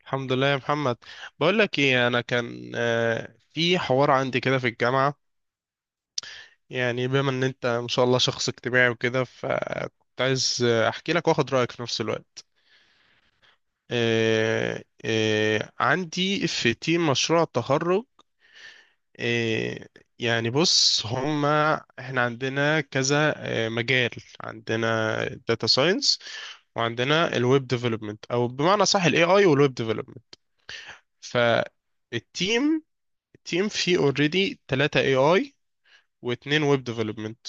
الحمد لله يا محمد. بقول لك ايه، انا كان في حوار عندي كده في الجامعه. يعني بما ان انت ما شاء الله شخص اجتماعي وكده، فكنت عايز احكي لك واخد رايك في نفس الوقت. عندي في تيم مشروع التخرج. آه، يعني بص، هما احنا عندنا كذا مجال. عندنا داتا ساينس، وعندنا الويب ديفلوبمنت، او بمعنى صح، الاي اي والويب ديفلوبمنت. ف تيم فيه اوريدي 3 اي اي، واتنين ويب ديفلوبمنت.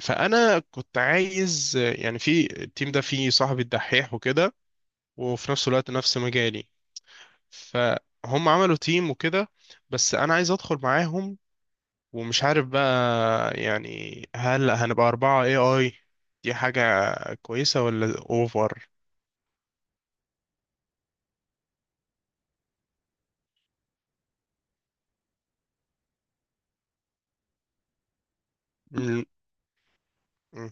فانا كنت عايز يعني في التيم ده فيه صاحبي الدحيح وكده، وفي نفس الوقت نفس مجالي. فهم عملوا تيم وكده، بس انا عايز ادخل معاهم. ومش عارف بقى يعني هل هنبقى أربعة اي اي؟ دي حاجة كويسة ولا اوفر؟ م- م-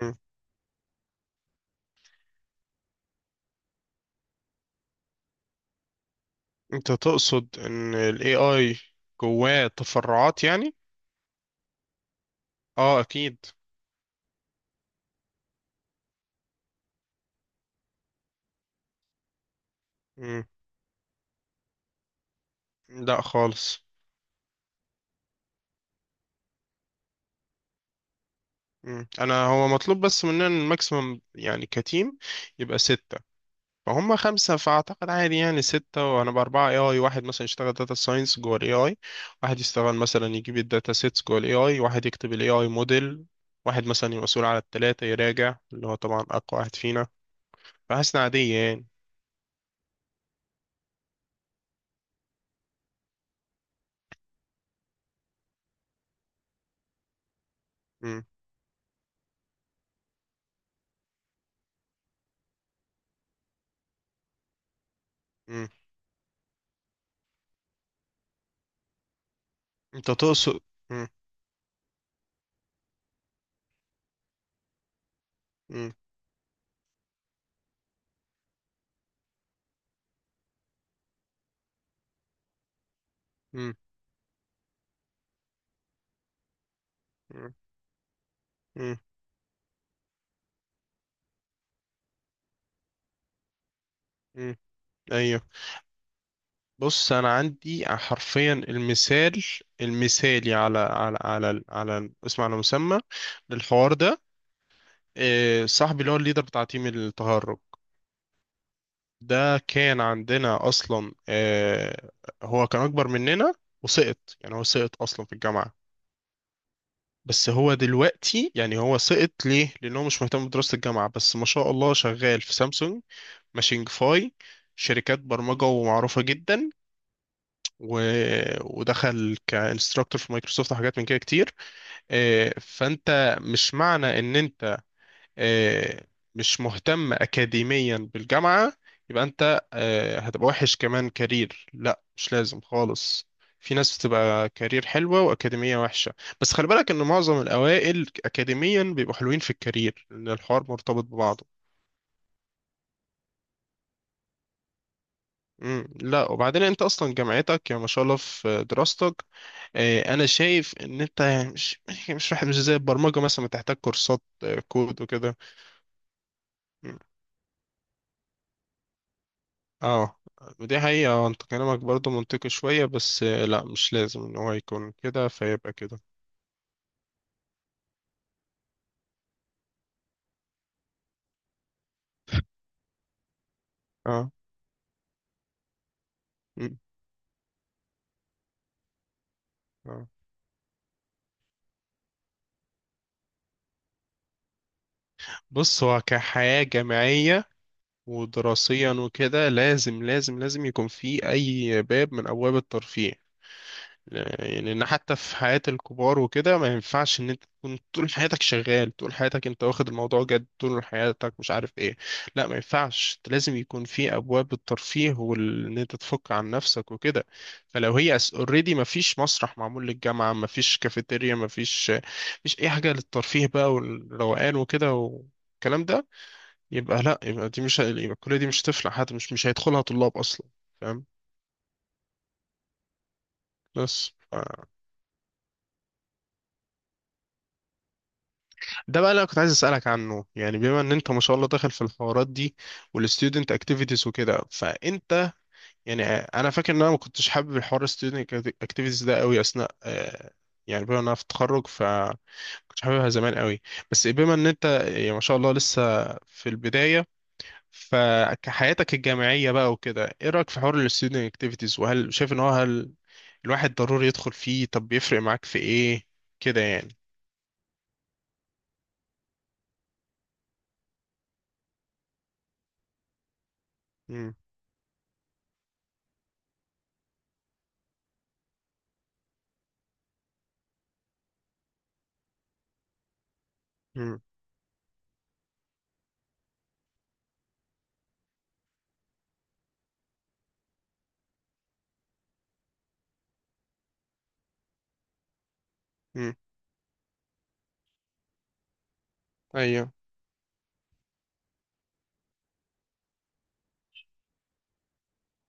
م. انت تقصد ان الاي اي جواه تفرعات يعني؟ اه اكيد. لا خالص. انا هو مطلوب بس مننا الماكسيمم يعني كتيم، يبقى ستة. فهم خمسة، فأعتقد عادي يعني ستة. وهنبقى أربعة اي اي، واحد مثلا يشتغل داتا ساينس جوه الاي اي، واحد يشتغل مثلا يجيب الداتا سيتس جوه الاي اي، واحد يكتب الاي اي موديل، واحد مثلا يبقى مسؤول على التلاتة يراجع، اللي هو طبعا أقوى واحد فينا. فحاسس إنها عادية يعني. مم. مم. أنت تقصد. مم. مم. مم. مم. مم. مم. أيوه. بص، انا عندي حرفيا المثال المثالي على اسم على مسمى للحوار ده. صاحبي اللي هو الليدر بتاع تيم التهرج، ده كان عندنا اصلا. هو كان اكبر مننا وسقط، يعني هو سقط اصلا في الجامعة. بس هو دلوقتي، يعني هو سقط ليه؟ لانه مش مهتم بدراسة الجامعة، بس ما شاء الله شغال في سامسونج، ماشينج فاي، شركات برمجة ومعروفة جدا. و... ودخل كانستراكتور في مايكروسوفت وحاجات من كده كتير. فانت مش معنى ان انت آه، مش مهتم اكاديميا بالجامعه، يبقى انت هتبقى وحش كمان كارير. لا، مش لازم خالص. في ناس بتبقى كارير حلوه واكاديميه وحشه، بس خلي بالك ان معظم الاوائل اكاديميا بيبقوا حلوين في الكارير، لان الحوار مرتبط ببعضه. لا، وبعدين انت اصلا جامعتك يا ما شاء الله في دراستك. انا شايف ان انت يعني مش مش واحد، مش زي البرمجه مثلا بتحتاج كورسات كود وكده. اه، ودي حقيقه. انت كلامك برضو منطقي شويه، بس لا مش لازم ان هو يكون كده فيبقى كده. اه. مم. اه، بص هو كحياه جامعيه ودراسيا وكده، لازم لازم لازم يكون في اي باب من ابواب الترفيه. يعني ان حتى في حياة الكبار وكده، ما ينفعش ان انت تكون طول حياتك شغال، طول حياتك انت واخد الموضوع جد، طول حياتك مش عارف ايه. لا، ما ينفعش. انت لازم يكون في ابواب الترفيه وان انت تفك عن نفسك وكده. فلو هي اوريدي ما فيش مسرح معمول للجامعة، ما فيش كافيتيريا، ما فيش مش اي حاجة للترفيه بقى والروقان وكده والكلام ده، يبقى لا، يبقى دي مش، يبقى الكلية دي مش هتفلح. حتى مش هيدخلها طلاب اصلا. فاهم. بس ده بقى اللي انا كنت عايز اسالك عنه. يعني بما ان انت ما شاء الله داخل في الحوارات دي والستودنت اكتيفيتيز وكده، فانت يعني، انا فاكر ان انا ما كنتش حابب الحوار الستودنت اكتيفيتيز ده قوي اثناء يعني بما ان انا في التخرج، ف كنتش حاببها زمان قوي. بس بما ان انت يعني ما شاء الله لسه في البدايه، فكحياتك الجامعيه بقى وكده، ايه رايك في حوار الستودنت اكتيفيتيز؟ وهل شايف ان هو، هل الواحد ضروري يدخل فيه؟ طب بيفرق معاك في ايه كده يعني؟ امم. امم. امم، ايوه.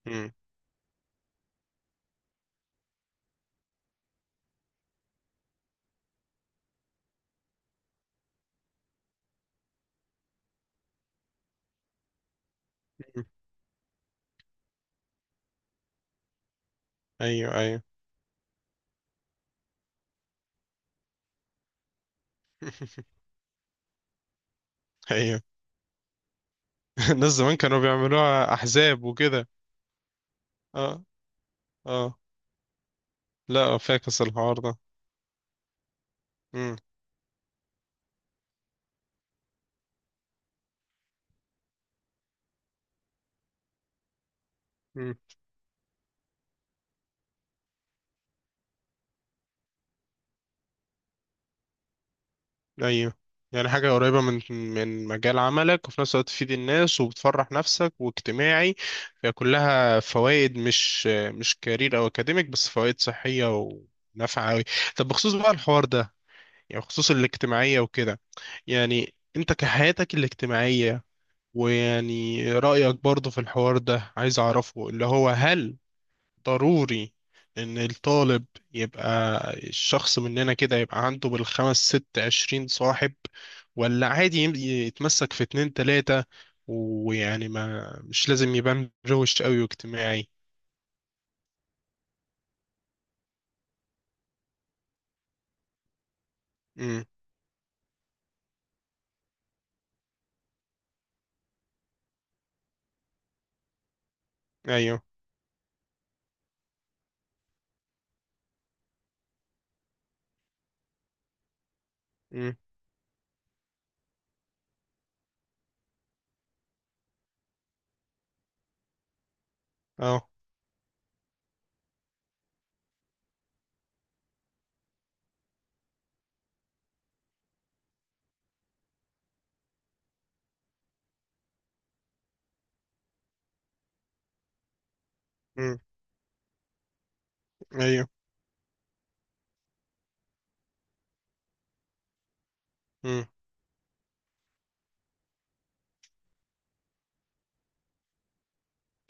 مم. ايوه، ايوه. ايوه. الناس زمان كانوا بيعملوها احزاب وكده. اه. اه. لا، فاكس الحوار ده. امم. امم. ايوه، يعني حاجة قريبة من مجال عملك، وفي نفس الوقت تفيد الناس وبتفرح نفسك واجتماعي. فهي كلها فوائد، مش كارير او اكاديميك بس، فوائد صحية ونافعة أوي. طب بخصوص بقى الحوار ده، يعني بخصوص الاجتماعية وكده، يعني انت كحياتك الاجتماعية، ويعني رأيك برضو في الحوار ده عايز أعرفه، اللي هو هل ضروري إن الطالب يبقى الشخص مننا كده يبقى عنده بالخمس ست 20 صاحب، ولا عادي يتمسك في اتنين تلاتة؟ ويعني ما مش لازم يبان روش قوي واجتماعي. امم. ايوه. امم. اه. امم. ايوه. امم.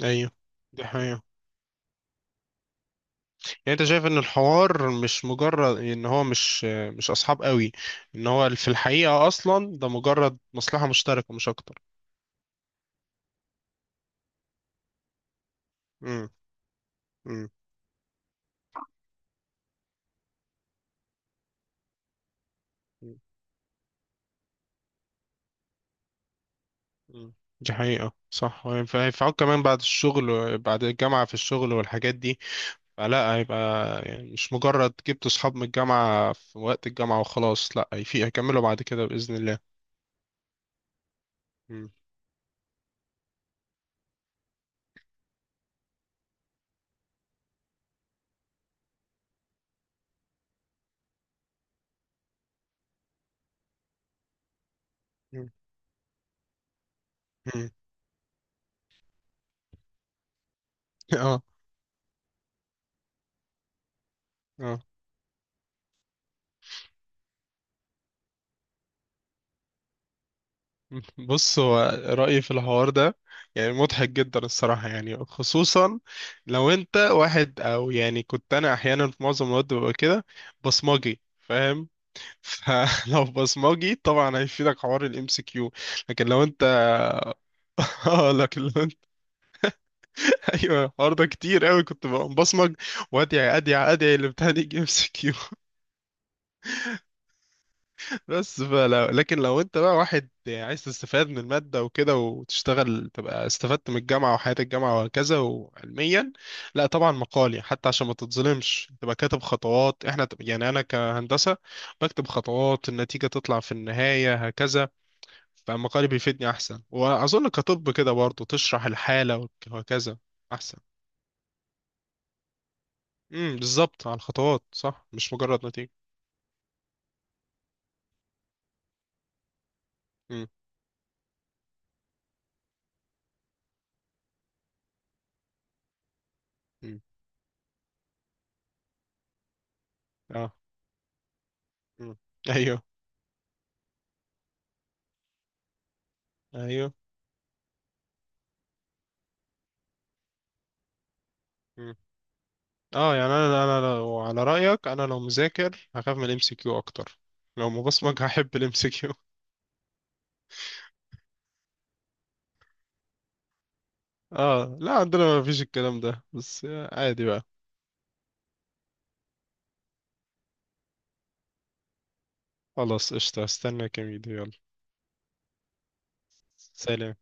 ايوه، دي حقيقة. يعني انت شايف ان الحوار مش مجرد ان هو مش اصحاب قوي، ان هو في الحقيقة اصلا ده مجرد مصلحة مشتركة مش اكتر. امم. امم. امم. إمم. دي حقيقة صح، هينفعوك كمان بعد الشغل بعد الجامعة في الشغل والحاجات دي. فلا هيبقى يعني مش مجرد جبت صحاب من الجامعة في وقت الجامعة وخلاص، لا، في هيكملوا بعد كده بإذن الله. امم. امم. امم. اه. اه. بص هو، رأيي في الحوار ده، يعني مضحك جدا الصراحة، يعني خصوصا لو انت واحد، او يعني كنت انا احيانا في معظم الوقت ببقى كده بصمجي فاهم. فلو بصمجي طبعا هيفيدك حوار الام سي كيو. لكن لو انت اه، لكن لو انت ايوه، الحوار ده كتير قوي كنت ببقى بصمج، وادعي ادعي ادعي الامتحان يجي ام سي كيو. بس فلو، لكن لو انت بقى واحد عايز تستفاد من المادة وكده وتشتغل، تبقى استفدت من الجامعة وحياة الجامعة وهكذا. وعلميا لا طبعا مقالي، حتى عشان ما تتظلمش تبقى كاتب خطوات. احنا يعني، انا كهندسة بكتب خطوات النتيجة تطلع في النهاية هكذا، فمقالي بيفيدني احسن. واظن كطب كده برضه تشرح الحالة وهكذا، احسن. امم، بالظبط، على الخطوات صح، مش مجرد نتيجة. امم. امم. اه. امم. ايوه. ايوه. امم. اه، يعني انا لو على رايك، انا لو مذاكر هخاف من الام سي كيو اكتر، لو مبصمج هحب الام سي كيو. اه. لا عندنا ما فيش الكلام ده، بس عادي بقى. خلاص قشطه، استنى كام فيديو، يلا. سلام.